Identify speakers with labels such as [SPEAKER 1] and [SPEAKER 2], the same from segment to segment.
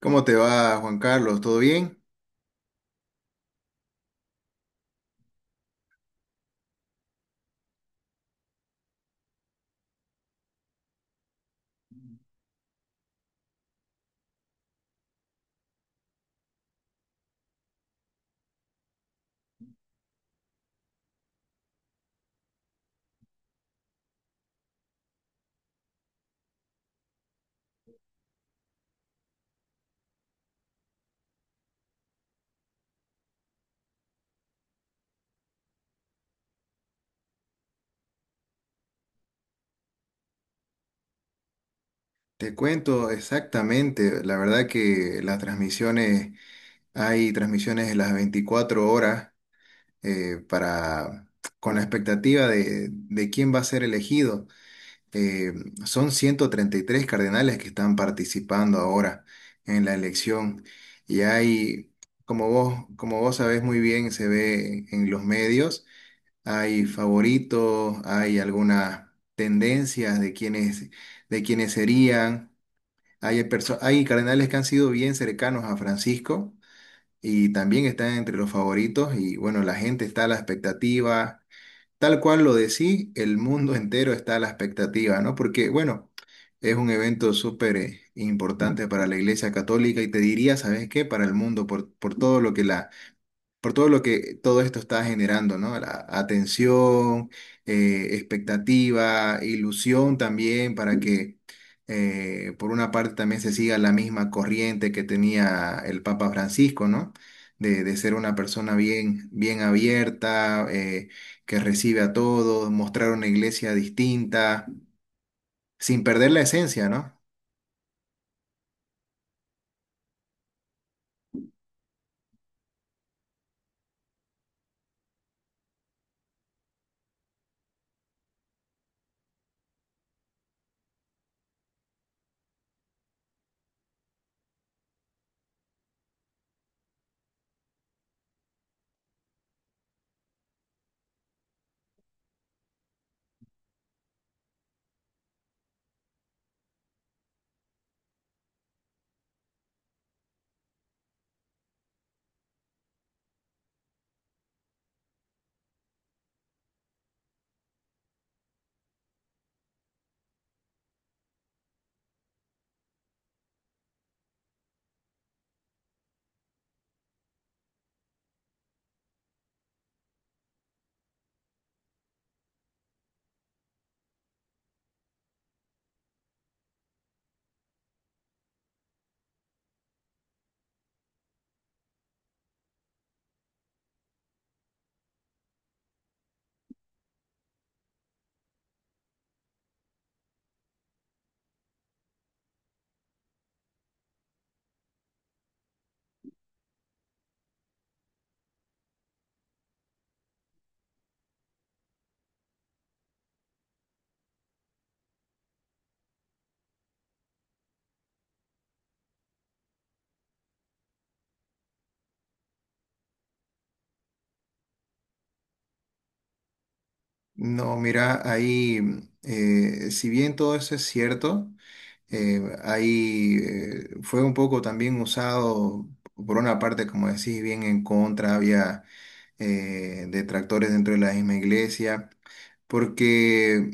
[SPEAKER 1] ¿Cómo te va, Juan Carlos? ¿Todo bien? Te cuento exactamente, la verdad que las transmisiones, hay transmisiones en las 24 horas para, con la expectativa de quién va a ser elegido. Eh, son 133 cardenales que están participando ahora en la elección y hay, como vos sabés muy bien, se ve en los medios, hay favoritos, hay algunas tendencias de quienes serían. Hay, hay cardenales que han sido bien cercanos a Francisco y también está entre los favoritos y bueno, la gente está a la expectativa, tal cual lo decís, el mundo entero está a la expectativa, ¿no? Porque bueno, es un evento súper importante para la Iglesia Católica y te diría, ¿sabes qué? Para el mundo, por todo lo que la por todo lo que todo esto está generando, ¿no? La atención, expectativa, ilusión también para que por una parte también se siga la misma corriente que tenía el Papa Francisco, ¿no? De ser una persona bien, bien abierta, que recibe a todos, mostrar una iglesia distinta, sin perder la esencia, ¿no? No, mira, ahí, si bien todo eso es cierto. Ahí fue un poco también usado, por una parte, como decís, bien en contra, había detractores dentro de la misma iglesia, porque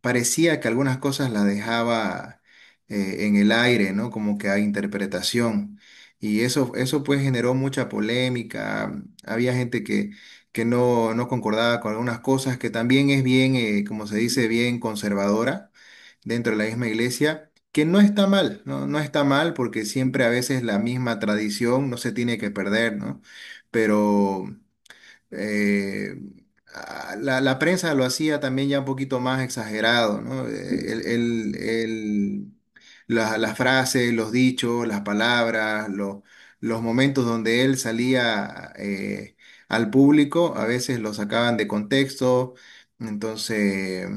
[SPEAKER 1] parecía que algunas cosas las dejaba en el aire, ¿no? Como que hay interpretación. Y eso pues generó mucha polémica. Había gente que no, no concordaba con algunas cosas, que también es bien, como se dice, bien conservadora dentro de la misma iglesia, que no está mal, ¿no? No está mal porque siempre a veces la misma tradición no se tiene que perder, ¿no? Pero eh, la, la prensa lo hacía también ya un poquito más exagerado, ¿no? El, las frases, los dichos, las palabras, los momentos donde él salía al público, a veces lo sacaban de contexto, entonces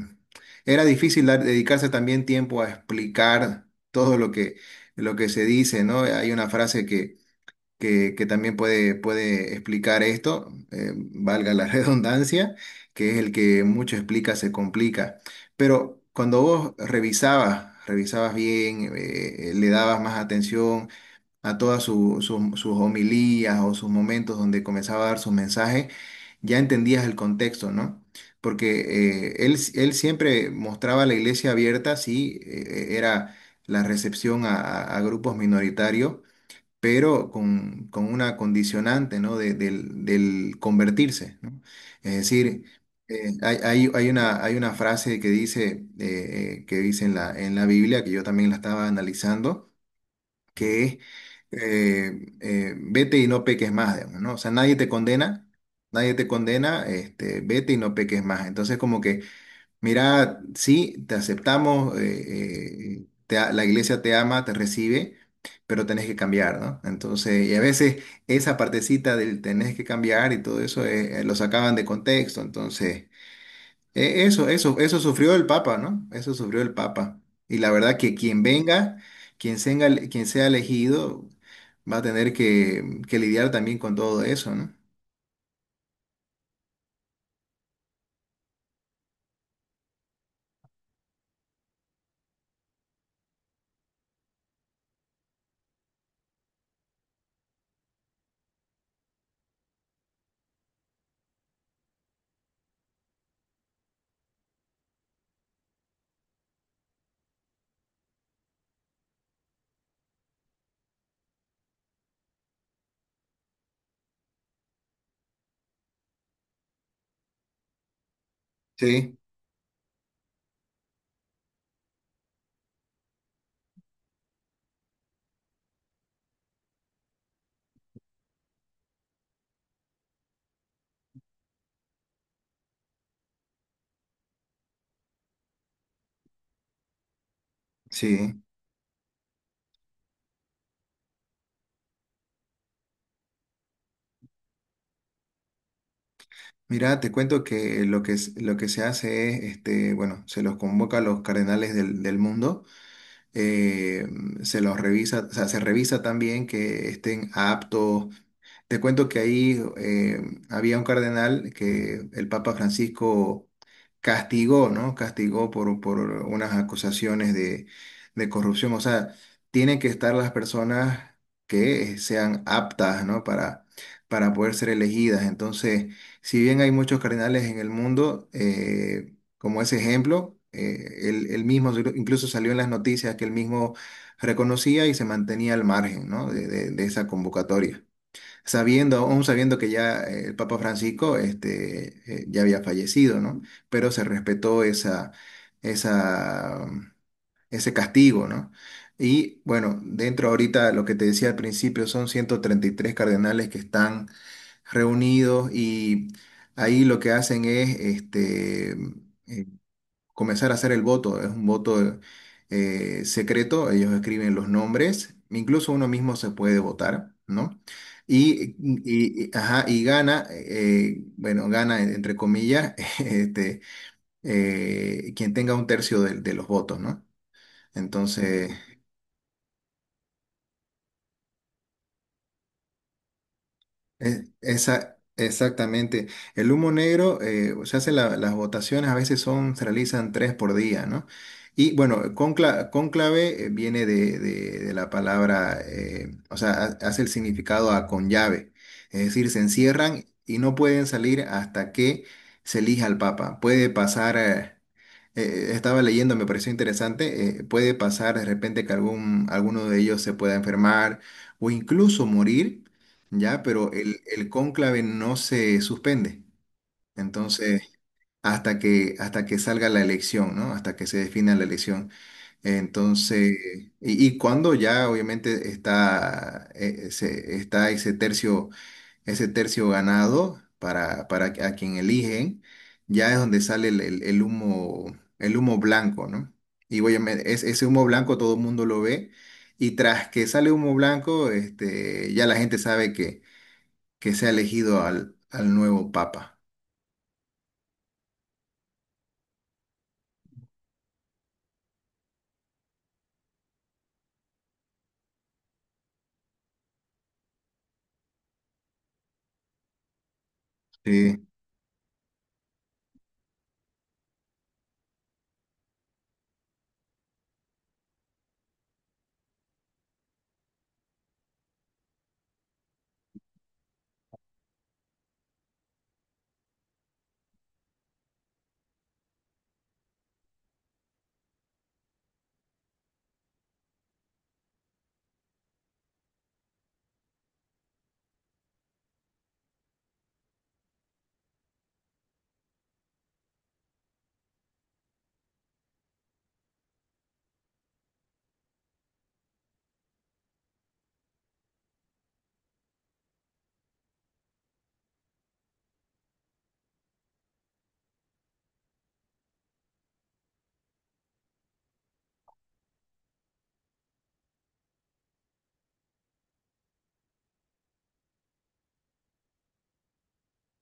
[SPEAKER 1] era difícil dedicarse también tiempo a explicar todo lo que se dice, ¿no? Hay una frase que también puede, puede explicar esto, valga la redundancia, que es el que mucho explica se complica. Pero cuando vos revisabas, revisabas bien, le dabas más atención a todas sus homilías o sus momentos donde comenzaba a dar sus mensajes, ya entendías el contexto, ¿no? Porque él, él siempre mostraba la iglesia abierta, sí, era la recepción a a grupos minoritarios pero con una condicionante, ¿no? Del, del convertirse, ¿no? Es decir, hay, hay una frase que dice en la Biblia, que yo también la estaba analizando, que es, vete y no peques más, digamos, ¿no? O sea, nadie te condena, nadie te condena, este, vete y no peques más. Entonces, como que mira, sí, te aceptamos, la iglesia te ama, te recibe, pero tenés que cambiar, ¿no? Entonces, y a veces esa partecita del tenés que cambiar y todo eso lo sacaban de contexto. Entonces, eso, eso, eso sufrió el Papa, ¿no? Eso sufrió el Papa. Y la verdad que quien venga, quien sea, quien sea elegido, va a tener que lidiar también con todo eso, ¿no? Sí, sí. Mira, te cuento que lo que, lo que se hace es, este, bueno, se los convoca a los cardenales del, del mundo, eh, se los revisa, o sea, se revisa también que estén aptos. Te cuento que ahí había un cardenal que el Papa Francisco castigó, ¿no? Castigó por unas acusaciones de corrupción. O sea, tienen que estar las personas que sean aptas, ¿no? Para poder ser elegidas. Entonces, si bien hay muchos cardenales en el mundo, como ese ejemplo, él, él mismo incluso salió en las noticias que él mismo reconocía y se mantenía al margen, ¿no? de de esa convocatoria sabiendo, aún sabiendo que ya el Papa Francisco este, ya había fallecido, ¿no? Pero se respetó esa, esa, ese castigo, ¿no? Y bueno, dentro ahorita, lo que te decía al principio, son 133 cardenales que están reunidos y ahí lo que hacen es este, eh, comenzar a hacer el voto. Es un voto secreto, ellos escriben los nombres, incluso uno mismo se puede votar, ¿no? Y, ajá, y gana, bueno, gana entre comillas, este, quien tenga un tercio de los votos, ¿no? Entonces, esa, exactamente. El humo negro, se hace las votaciones, a veces son, se realizan tres por día, ¿no? Y bueno, cónclave viene de, de la palabra, o sea, hace el significado a con llave. Es decir, se encierran y no pueden salir hasta que se elija al Papa. Puede pasar, estaba leyendo, me pareció interesante, puede pasar de repente que algún, alguno de ellos se pueda enfermar o incluso morir ya, pero el cónclave no se suspende. Entonces, hasta que salga la elección, ¿no? Hasta que se defina la elección. Entonces, y cuando ya obviamente está, está ese tercio ganado para a quien eligen, ya es donde sale el, el humo blanco, ¿no? Y obviamente, es, ese humo blanco todo el mundo lo ve. Y tras que sale humo blanco, este, ya la gente sabe que sea elegido al, al nuevo Papa. Sí,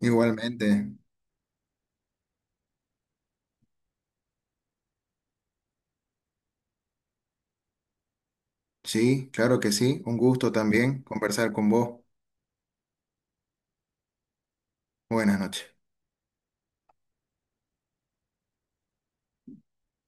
[SPEAKER 1] igualmente. Sí, claro que sí. Un gusto también conversar con vos. Buenas noches.